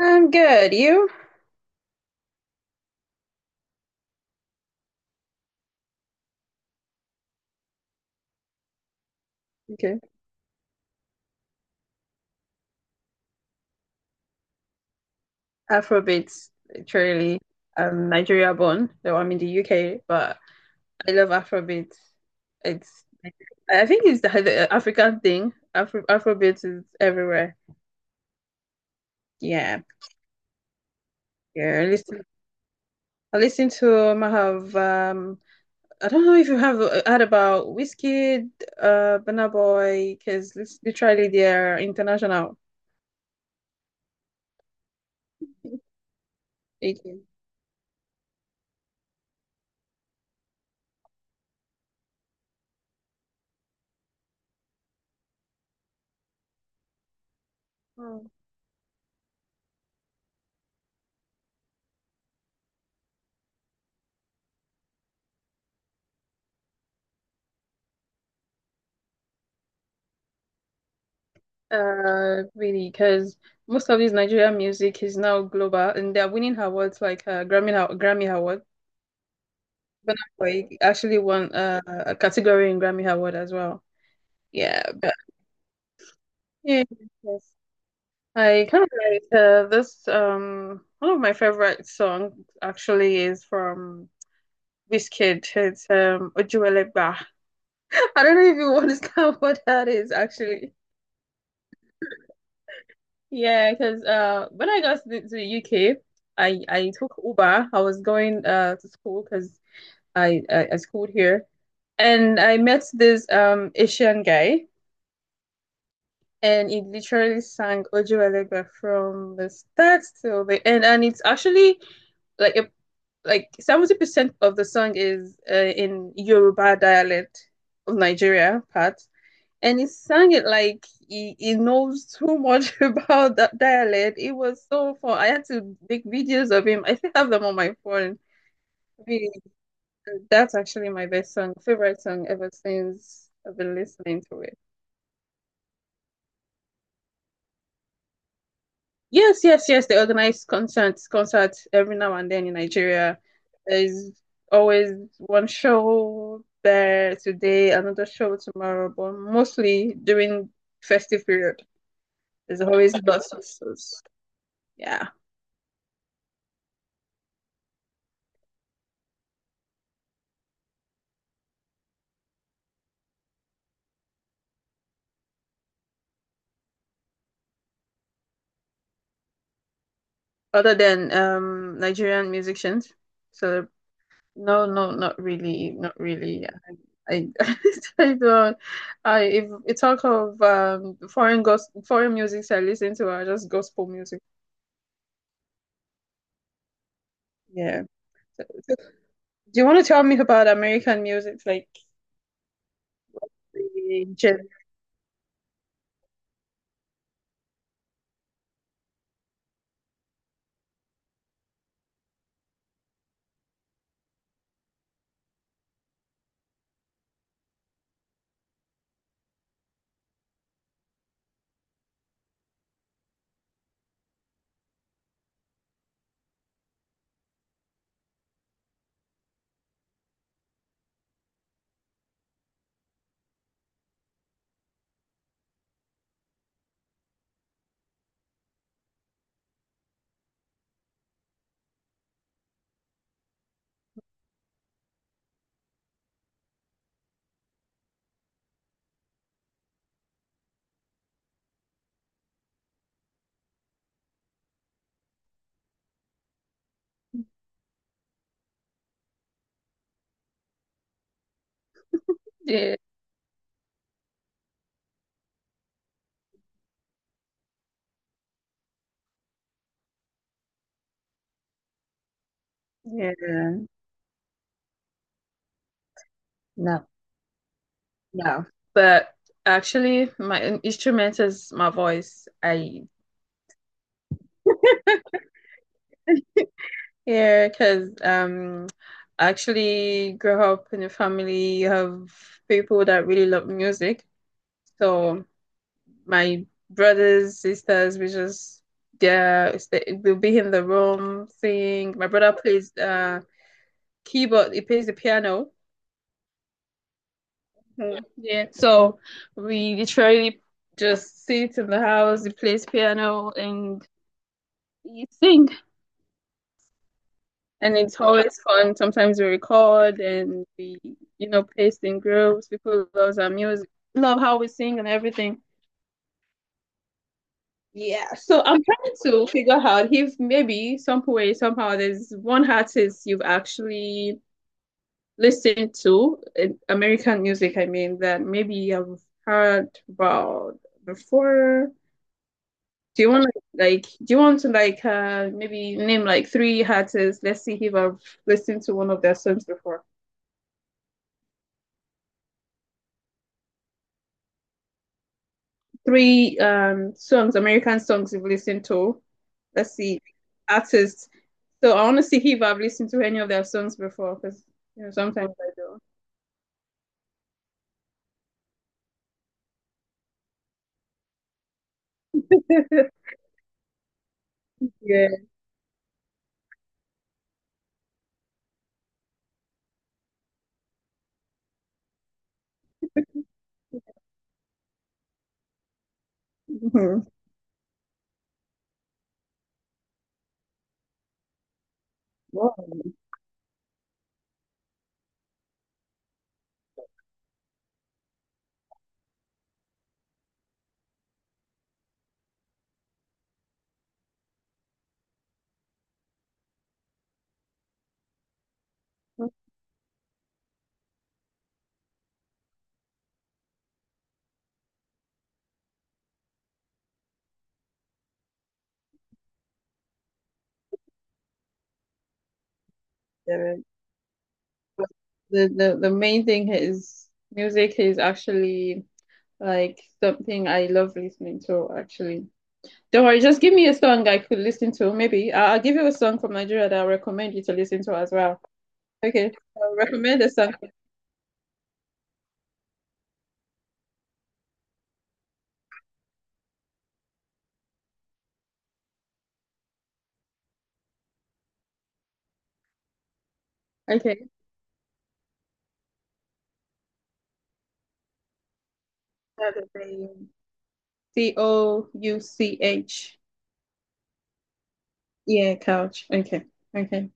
I'm good. You? Okay. Afrobeats, literally. I'm Nigeria born, though I'm in the UK, but I love Afrobeats. It's, I think it's the African thing. Afrobeats is everywhere. Yeah. Yeah. I listen to, I don't know if you have heard about Wizkid, Burna Boy, because literally they're international. Okay. Really, because most of these Nigerian music is now global, and they are winning awards like Grammy Award. Burna Boy actually won a category in Grammy Award as well. Yeah, but yeah, yes. I kind of like this. One of my favorite songs actually is from Wizkid. It's Ojuelegba. I don't know if you understand what that is actually. Yeah, because when I got to the UK, I took Uber. I was going to school because I schooled here, and I met this Asian guy, and he literally sang Ojo Alegba from the start till the end, and it's actually like a like 70% of the song is in Yoruba dialect of Nigeria part, and he sang it like he knows too much about that dialect. It was so fun. I had to make videos of him. I still have them on my phone. Really, that's actually my best song, favorite song ever since I've been listening to it. Yes, yes, yes. They organize concerts every now and then in Nigeria. There's always one show there today, another show tomorrow, but mostly during festive period. There's always lots of shows. Yeah. Other than Nigerian musicians. So no, no, not really, not really. I I, I don't I if you talk of foreign gos foreign music I listen to are just gospel music. Yeah. So do you want to tell me about American music. The gen- yeah, yeah. No, no. But actually my instrument is my voice. I Yeah, because I actually grew up in a family of people that really love music. So my brothers, sisters, we just yeah, st- we'll be in the room sing. My brother plays keyboard. He plays the piano. Mm, yeah, so we literally just sit in the house. He plays piano and he sing. And it's always fun. Sometimes we record and we paste in groups. People love our music, love how we sing and everything. Yeah. So I'm trying to figure out if maybe some way, somehow, there's one artist you've actually listened to, American music, I mean, that maybe you've heard about before. Do you want to like, maybe name like three artists? Let's see if I've listened to one of their songs before. Three songs, American songs you've listened to. Let's see, artists. So I want to see if I've listened to any of their songs before, because sometimes I do. Yeah. Mhm. Wow. Yeah. But the main thing is music is actually like something I love listening to. Actually, don't worry, just give me a song I could listen to. Maybe I'll give you a song from Nigeria that I recommend you to listen to as well. Okay, I'll recommend a song. Okay. Couch. C O U C H. Yeah, couch. Okay. Okay.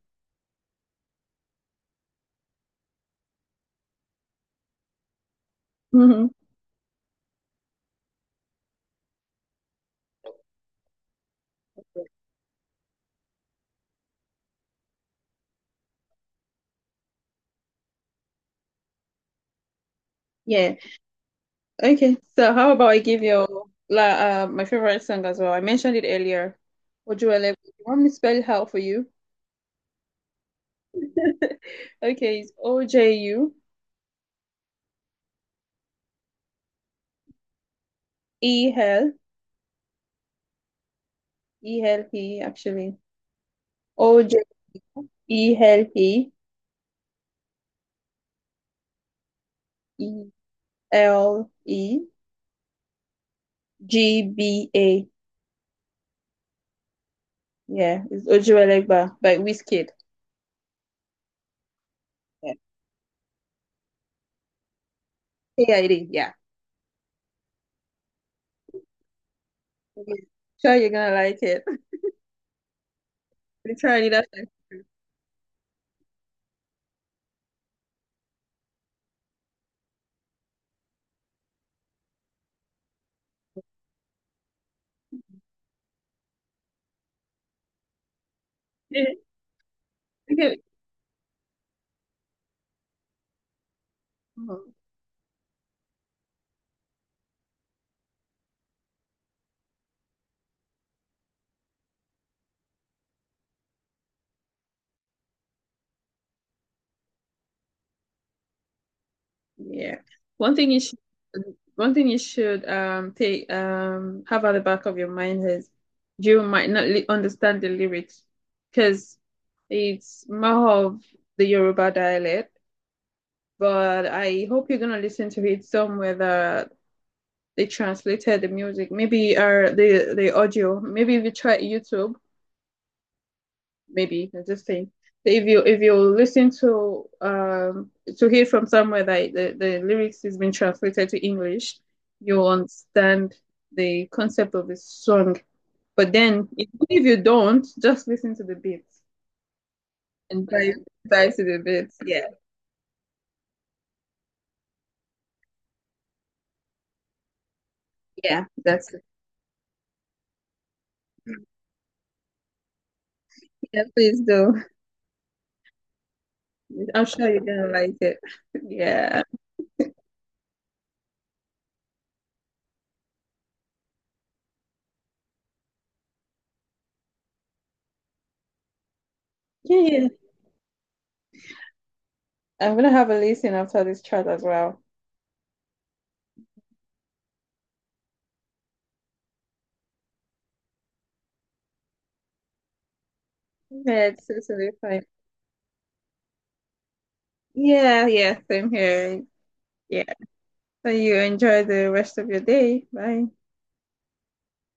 Hmm. Yeah. Okay. So how about I give you like my favorite song as well? I mentioned it earlier. Ojuele. You want me to spell it out for you? Okay, it's O J U E L E L E actually. O J U E L E E L E G B A. Yeah, it's Ojuelegba by Wizkid. Yeah. K I D. Yeah. Yeah. Sure, you're gonna like it. We try it after. Yeah. Okay. Oh, yeah. One thing you should, one thing you should take have at the back of your mind is you might not li understand the lyrics because it's more of the Yoruba dialect, but I hope you're gonna listen to it somewhere that they translated the music. Maybe or the audio. Maybe if you try YouTube. Maybe I am just saying. If you listen to hear from somewhere that the lyrics is been translated to English, you understand the concept of the song. But then if you don't, just listen to the beats and try to the beats. Yeah, yeah, that's it. Yeah, please do. I'm sure you're gonna like it. Yeah. Yeah, yeah. I'm gonna have a listen after this chat as well. Yeah, it's totally fine. Yeah, yeah, same here. So you enjoy the rest of your day. Bye.